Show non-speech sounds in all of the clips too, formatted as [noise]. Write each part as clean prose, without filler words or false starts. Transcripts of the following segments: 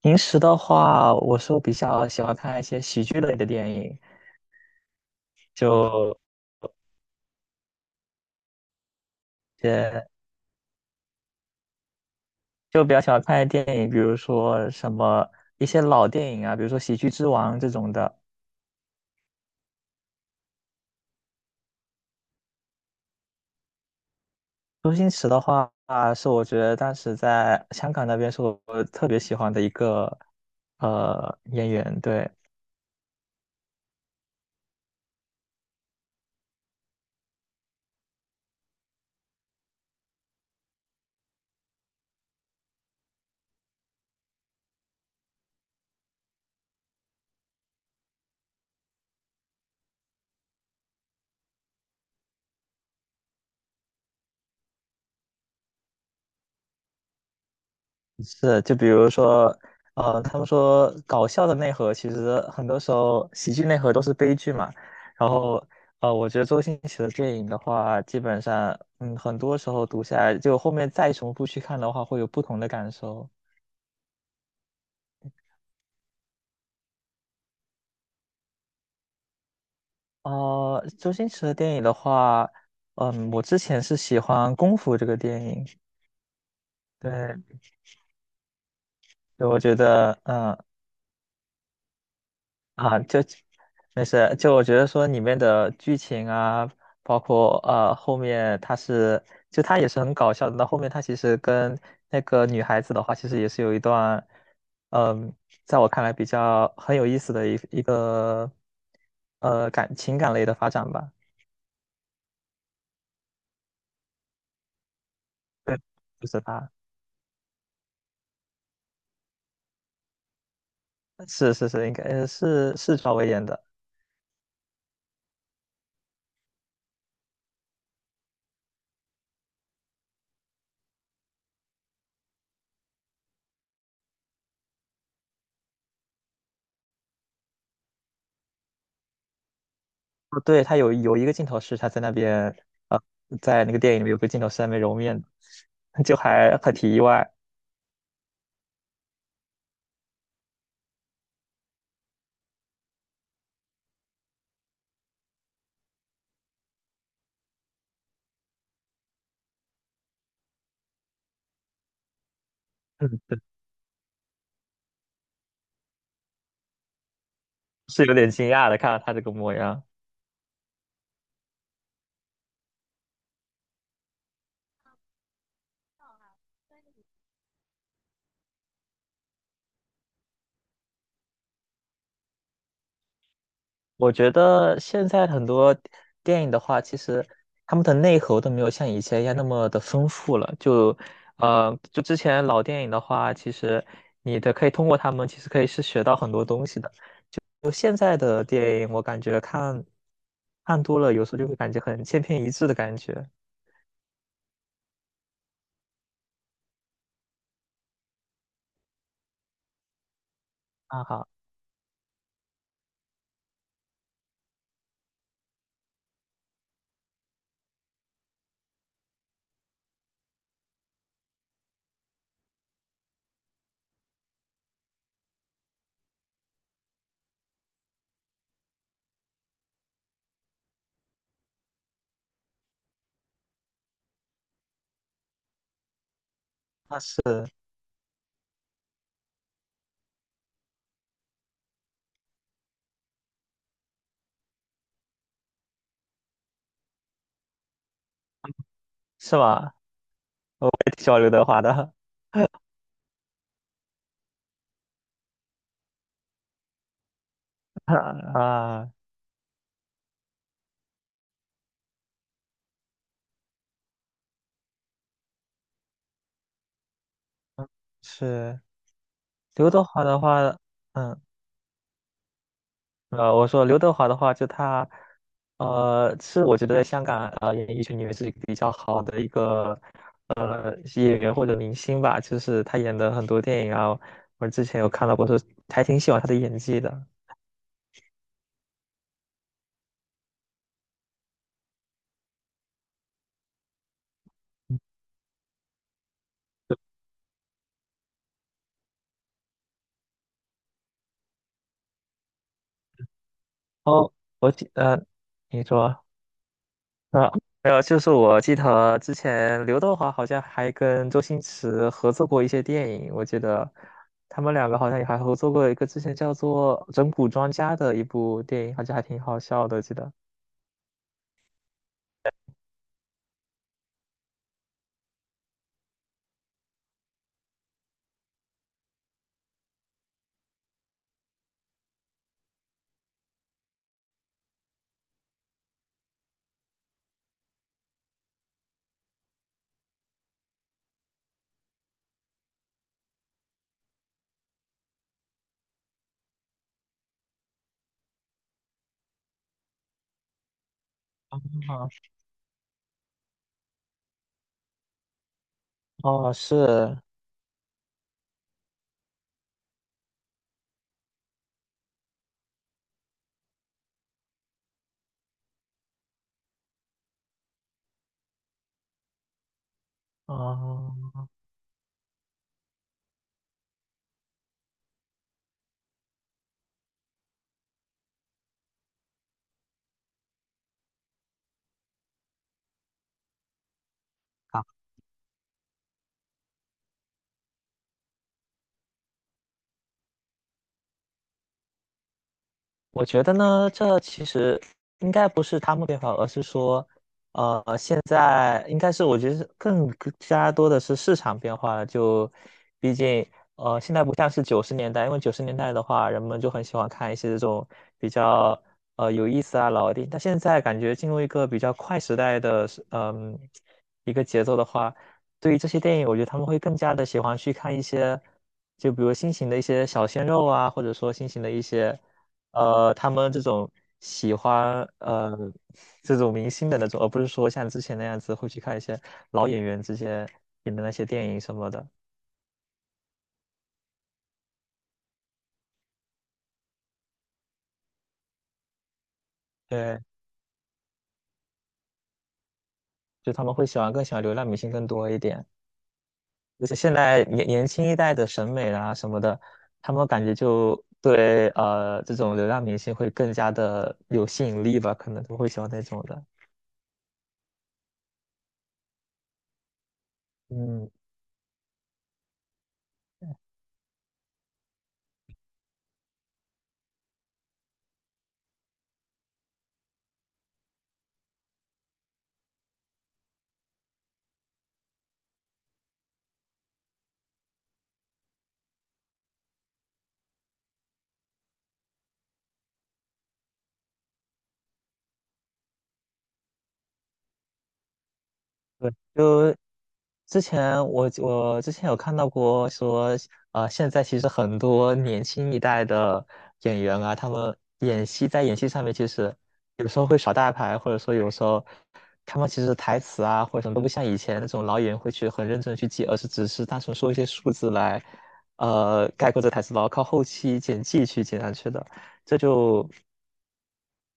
平时的话，我是比较喜欢看一些喜剧类的电影。就呃就比较喜欢看电影，比如说什么一些老电影啊，比如说《喜剧之王》这种的。周星驰的话，是我觉得当时在香港那边是我特别喜欢的一个演员，对。是，就比如说，他们说搞笑的内核，其实很多时候喜剧内核都是悲剧嘛。然后，我觉得周星驰的电影的话，基本上，很多时候读下来，就后面再重复去看的话，会有不同的感受。周星驰的电影的话，我之前是喜欢《功夫》这个电影，对，对我觉得，就没事，就我觉得说里面的剧情啊，包括后面他是，就他也是很搞笑的。到后面他其实跟那个女孩子的话，其实也是有一段，嗯，在我看来比较很有意思的一个，感情感类的发展吧。就是他，是是是，应该是赵薇演的。哦，对，他有一个镜头是他在那边，在那个电影里面有个镜头是在那边揉面的 [laughs] 就还很挺意外。嗯是有点惊讶的，看到他这个模样。我觉得现在很多电影的话，其实他们的内核都没有像以前一样那么的丰富了。就之前老电影的话，其实你的可以通过他们，其实可以是学到很多东西的。就现在的电影，我感觉看多了，有时候就会感觉很千篇一致的感觉。啊哈，那是是吧？[laughs] 我也挺喜欢刘德华的 [laughs] 啊，是刘德华的话。嗯。我说刘德华的话，就他，是我觉得在香港演艺圈里面是比较好的一个演员或者明星吧，就是他演的很多电影啊，我之前有看到过，说还挺喜欢他的演技的。哦，我记呃，你说。啊，还有就是我记得之前刘德华好像还跟周星驰合作过一些电影，我记得他们两个好像也还合作过一个之前叫做《整蛊专家》的一部电影，好像还挺好笑的，记得。啊，哦，是，哦，我觉得呢，这其实应该不是他们变化，而是说，现在应该是我觉得是更加多的是市场变化了。就毕竟，现在不像是九十年代，因为九十年代的话，人们就很喜欢看一些这种比较有意思啊老的电影。但现在感觉进入一个比较快时代的是一个节奏的话，对于这些电影，我觉得他们会更加的喜欢去看一些，就比如新型的一些小鲜肉啊，或者说新型的一些。他们这种喜欢这种明星的那种，而不是说像之前那样子会去看一些老演员之前演的那些电影什么的。对，就他们会喜欢更喜欢流量明星更多一点，就是现在年轻一代的审美啦什么的，他们感觉就对这种流量明星会更加的有吸引力吧，可能都会喜欢那种的。嗯。就之前我之前有看到过说，现在其实很多年轻一代的演员啊，他们演戏在演戏上面，其实有时候会耍大牌，或者说有时候他们其实台词啊或者什么都不像以前那种老演员会去很认真地去记，而是只是单纯说一些数字来，概括这台词，然后靠后期剪辑去剪上去的，这就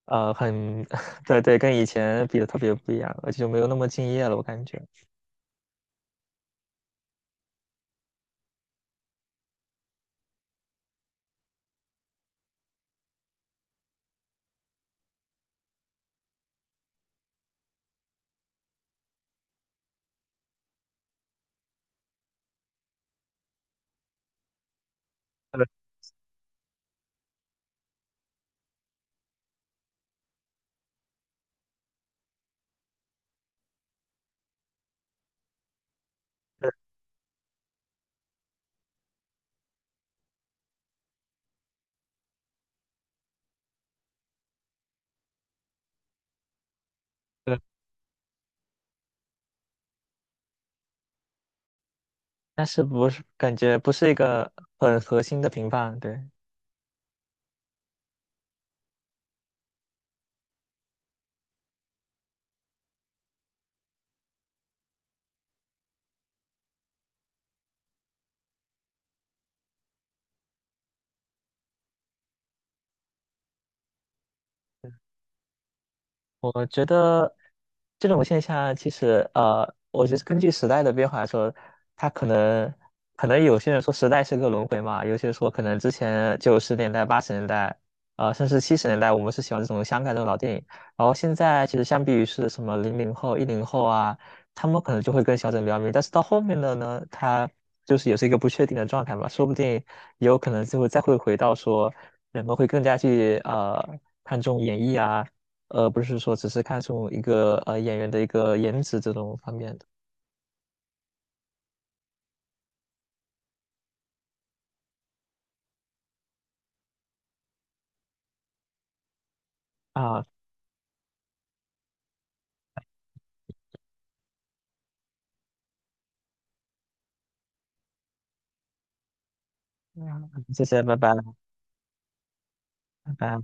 很 [laughs] 对对，跟以前比的特别不一样，而且就没有那么敬业了，我感觉。对，但是不是感觉不是一个很核心的评判，对，我觉得这种现象其实，我觉得根据时代的变化来说，它可能有些人说时代是个轮回嘛，有些人说可能之前九十年代、80年代，甚至70年代，我们是喜欢这种香港这种老电影，然后现在其实相比于是什么00后、10后啊，他们可能就会更小众比较迷，但是到后面的呢，他就是也是一个不确定的状态嘛，说不定也有可能就会再会回到说人们会更加去看重演绎啊。不是说只是看重一个演员的一个颜值这种方面的啊。嗯，谢谢，拜拜，拜拜。